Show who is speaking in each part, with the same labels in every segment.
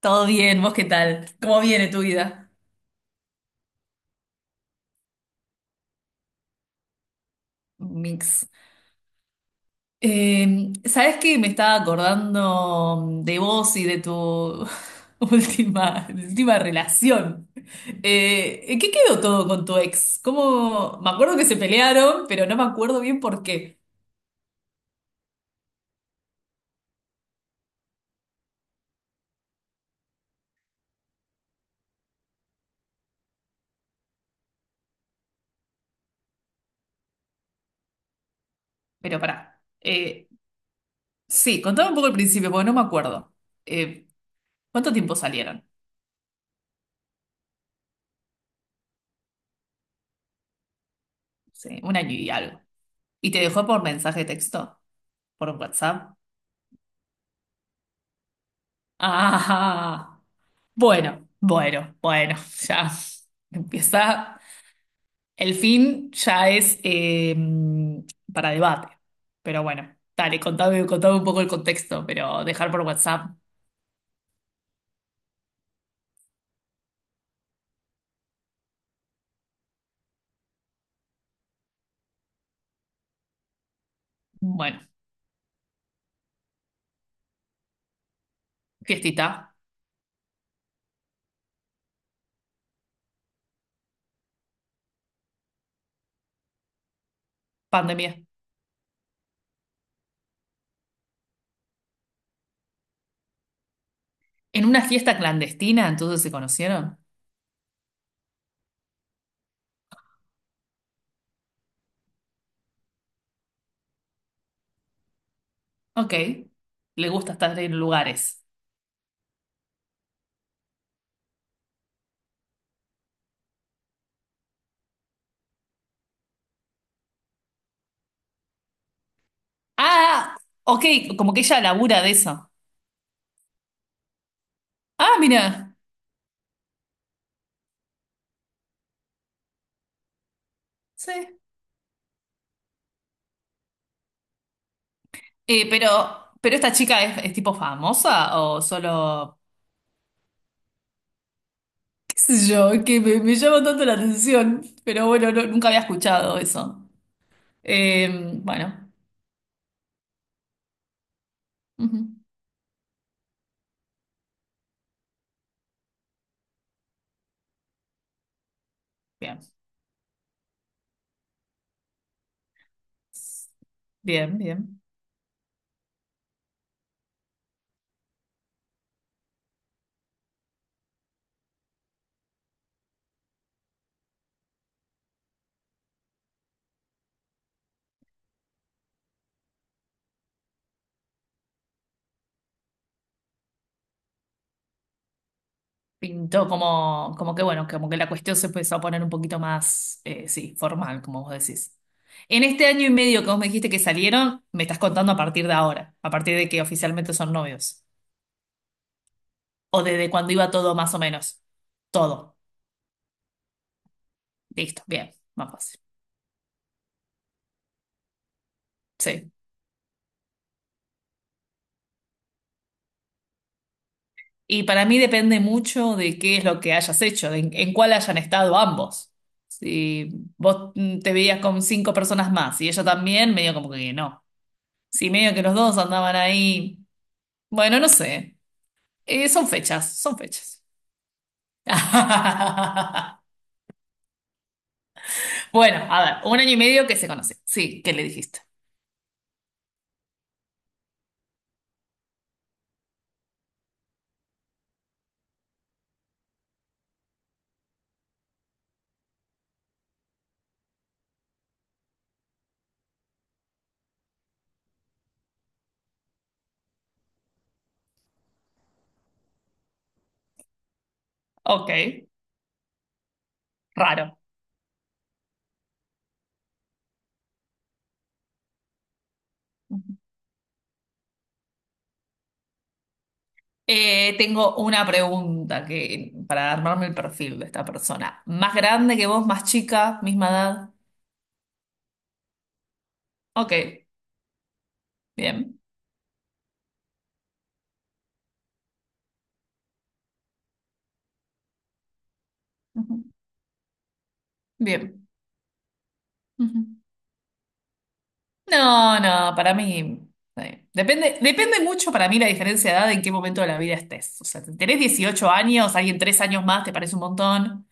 Speaker 1: Todo bien, ¿vos qué tal? ¿Cómo viene tu vida? Mix. ¿Sabés qué? Me estaba acordando de vos y de tu última, de tu última relación. ¿En qué quedó todo con tu ex? ¿Cómo? Me acuerdo que se pelearon, pero no me acuerdo bien por qué. Pero pará. Sí, contame un poco el principio, porque no me acuerdo. Eh, ¿Cuánto tiempo salieron? Sí, un año y algo. ¿Y te dejó por mensaje de texto? ¿Por WhatsApp? Ah. Bueno, bueno, bueno, ya empieza. El fin ya es para debate. Pero bueno, dale, contame, contame un poco el contexto, pero dejar por WhatsApp. Bueno, fiestita, pandemia. En una fiesta clandestina, entonces se conocieron. Ok, le gusta estar en lugares. Ah, ok, como que ella labura de eso. Ah, mira, sí. Eh, pero, pero esta chica es tipo famosa o solo. Qué sé yo, que me llama tanto la atención, pero bueno, nunca había escuchado eso. Bueno, ujú, bien, bien, bien. Pintó como que bueno, como que la cuestión se empezó a poner un poquito más, sí, formal, como vos decís. En este año y medio que vos me dijiste que salieron, me estás contando a partir de ahora, a partir de que oficialmente son novios, o desde cuando iba todo más o menos. Todo. Listo, bien, más fácil. Sí. Y para mí depende mucho de qué es lo que hayas hecho, de en cuál hayan estado ambos. Si vos te veías con cinco personas más y ella también, medio como que no. Si medio que los dos andaban ahí, bueno, no sé. Son fechas, son fechas. Bueno, a ver, un año y medio que se conoce. Sí, ¿qué le dijiste? Ok, raro. Tengo una pregunta que, para armarme el perfil de esta persona. ¿Más grande que vos, más chica, misma edad? Ok. Bien. Ujú. Bien. Ujú. No, no, para mí. Sí. Depende mucho para mí la diferencia de edad en qué momento de la vida estés. O sea, si tenés 18 años, alguien 3 años más te parece un montón,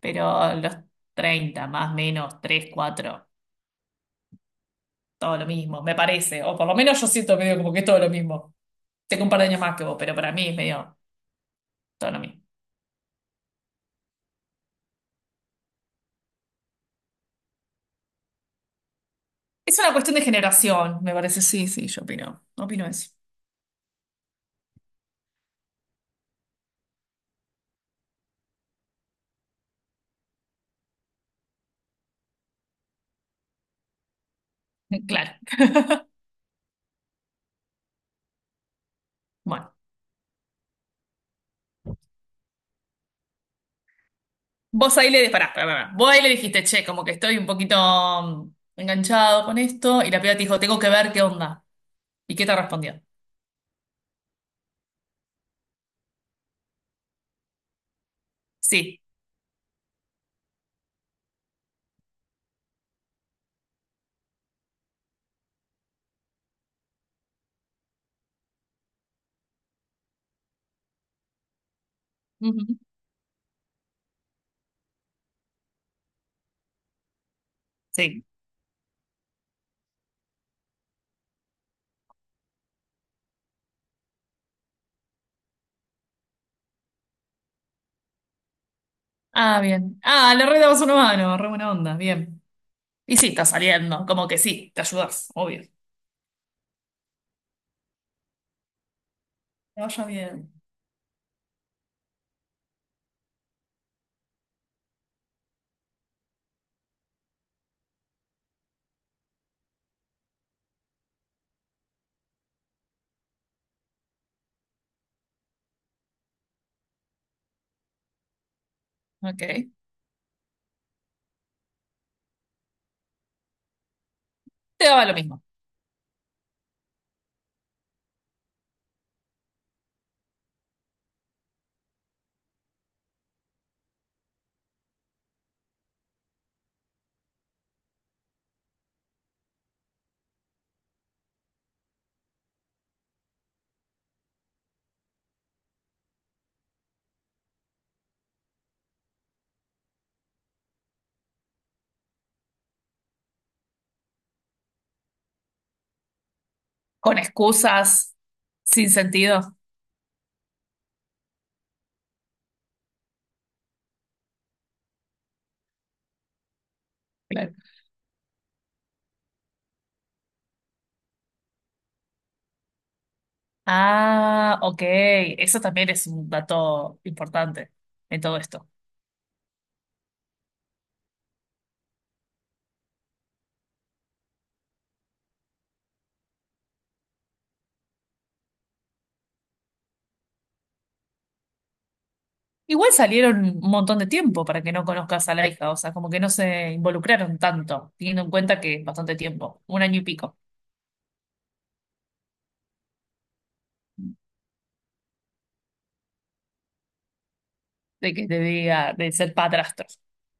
Speaker 1: pero los 30 más, menos, 3 4 todo lo mismo, me parece. O por lo menos yo siento medio como que es todo lo mismo. Tengo un par de años más que vos, pero para mí es medio todo lo mismo. Es una cuestión de generación, me parece. Sí, sí, yo opino. Opino eso. Claro. Bueno. Vos ahí le disparás, pará, pará, pará. Vos ahí le dijiste, che, como que estoy un poquito enganchado con esto, y la piba te dijo, tengo que ver qué onda. ¿Y qué te respondió? Sí, ujú. Sí. Ah, bien. Ah, le re dabas una mano, re buena onda, bien. Y sí, está saliendo, como que sí, te ayudas, obvio. Te vaya bien. Ok. Te daba lo mismo. Con excusas, sin sentido. Claro. Ah, ok. Eso también es un dato importante en todo esto. Igual salieron un montón de tiempo para que no conozcas a la hija, o sea, como que no se involucraron tanto, teniendo en cuenta que es bastante tiempo, un año y pico, de que te diga de ser padrastro.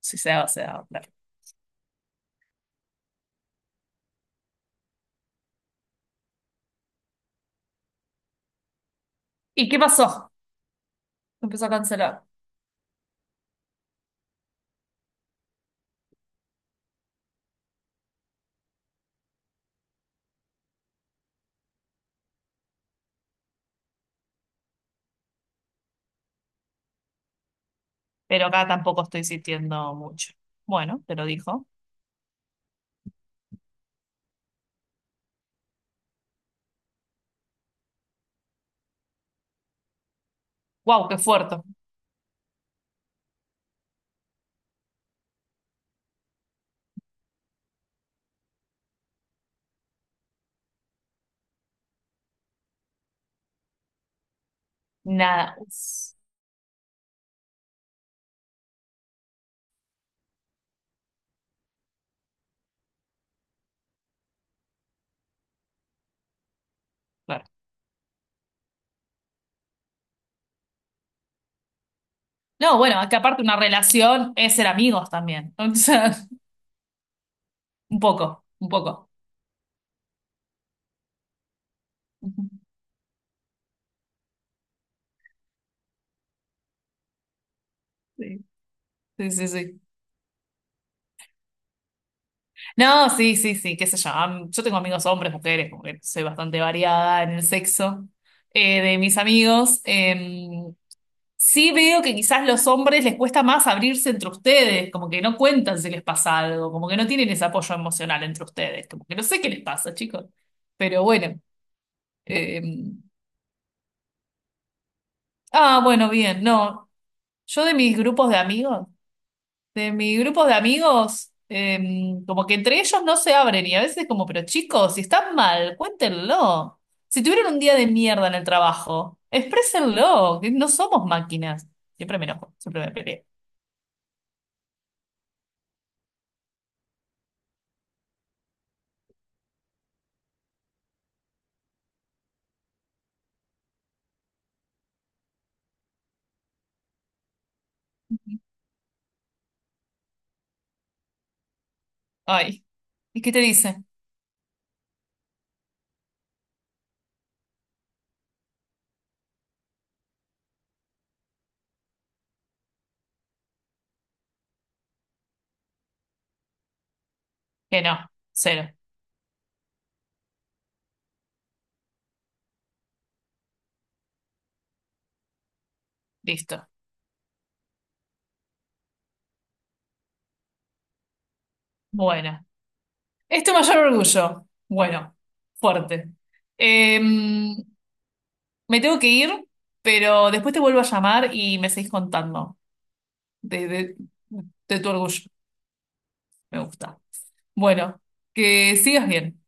Speaker 1: Si se daba, se daba, claro. ¿Y qué pasó? Empezó a cancelar. Pero acá tampoco estoy sintiendo mucho. Bueno, te lo dijo. Wow, qué fuerte. Nada. Uf, claro. No, bueno, es que aparte una relación es ser amigos también. O sea, un poco, un poco. Ujú. Sí, sí, sí, sí. No, sí, sí, sí, qué sé yo. Yo tengo amigos hombres, mujeres, como que soy bastante variada en el sexo de mis amigos. Sí veo que quizás los hombres les cuesta más abrirse entre ustedes, como que no cuentan si les pasa algo, como que no tienen ese apoyo emocional entre ustedes, como que no sé qué les pasa, chicos. Pero bueno. em, ah, bueno, bien, no. Yo de mis grupos de amigos. De mi grupo de amigos, como que entre ellos no se abren y a veces como, pero chicos, si están mal, cuéntenlo. Si tuvieron un día de mierda en el trabajo, exprésenlo, que no somos máquinas. Siempre me enojo, siempre me peleo. Ay, ¿y qué te dice? Que no, cero, listo. Bueno, es tu mayor orgullo. Bueno, fuerte. Em, me tengo que ir, pero después te vuelvo a llamar y me seguís contando de, de tu orgullo. Me gusta. Bueno, que sigas bien.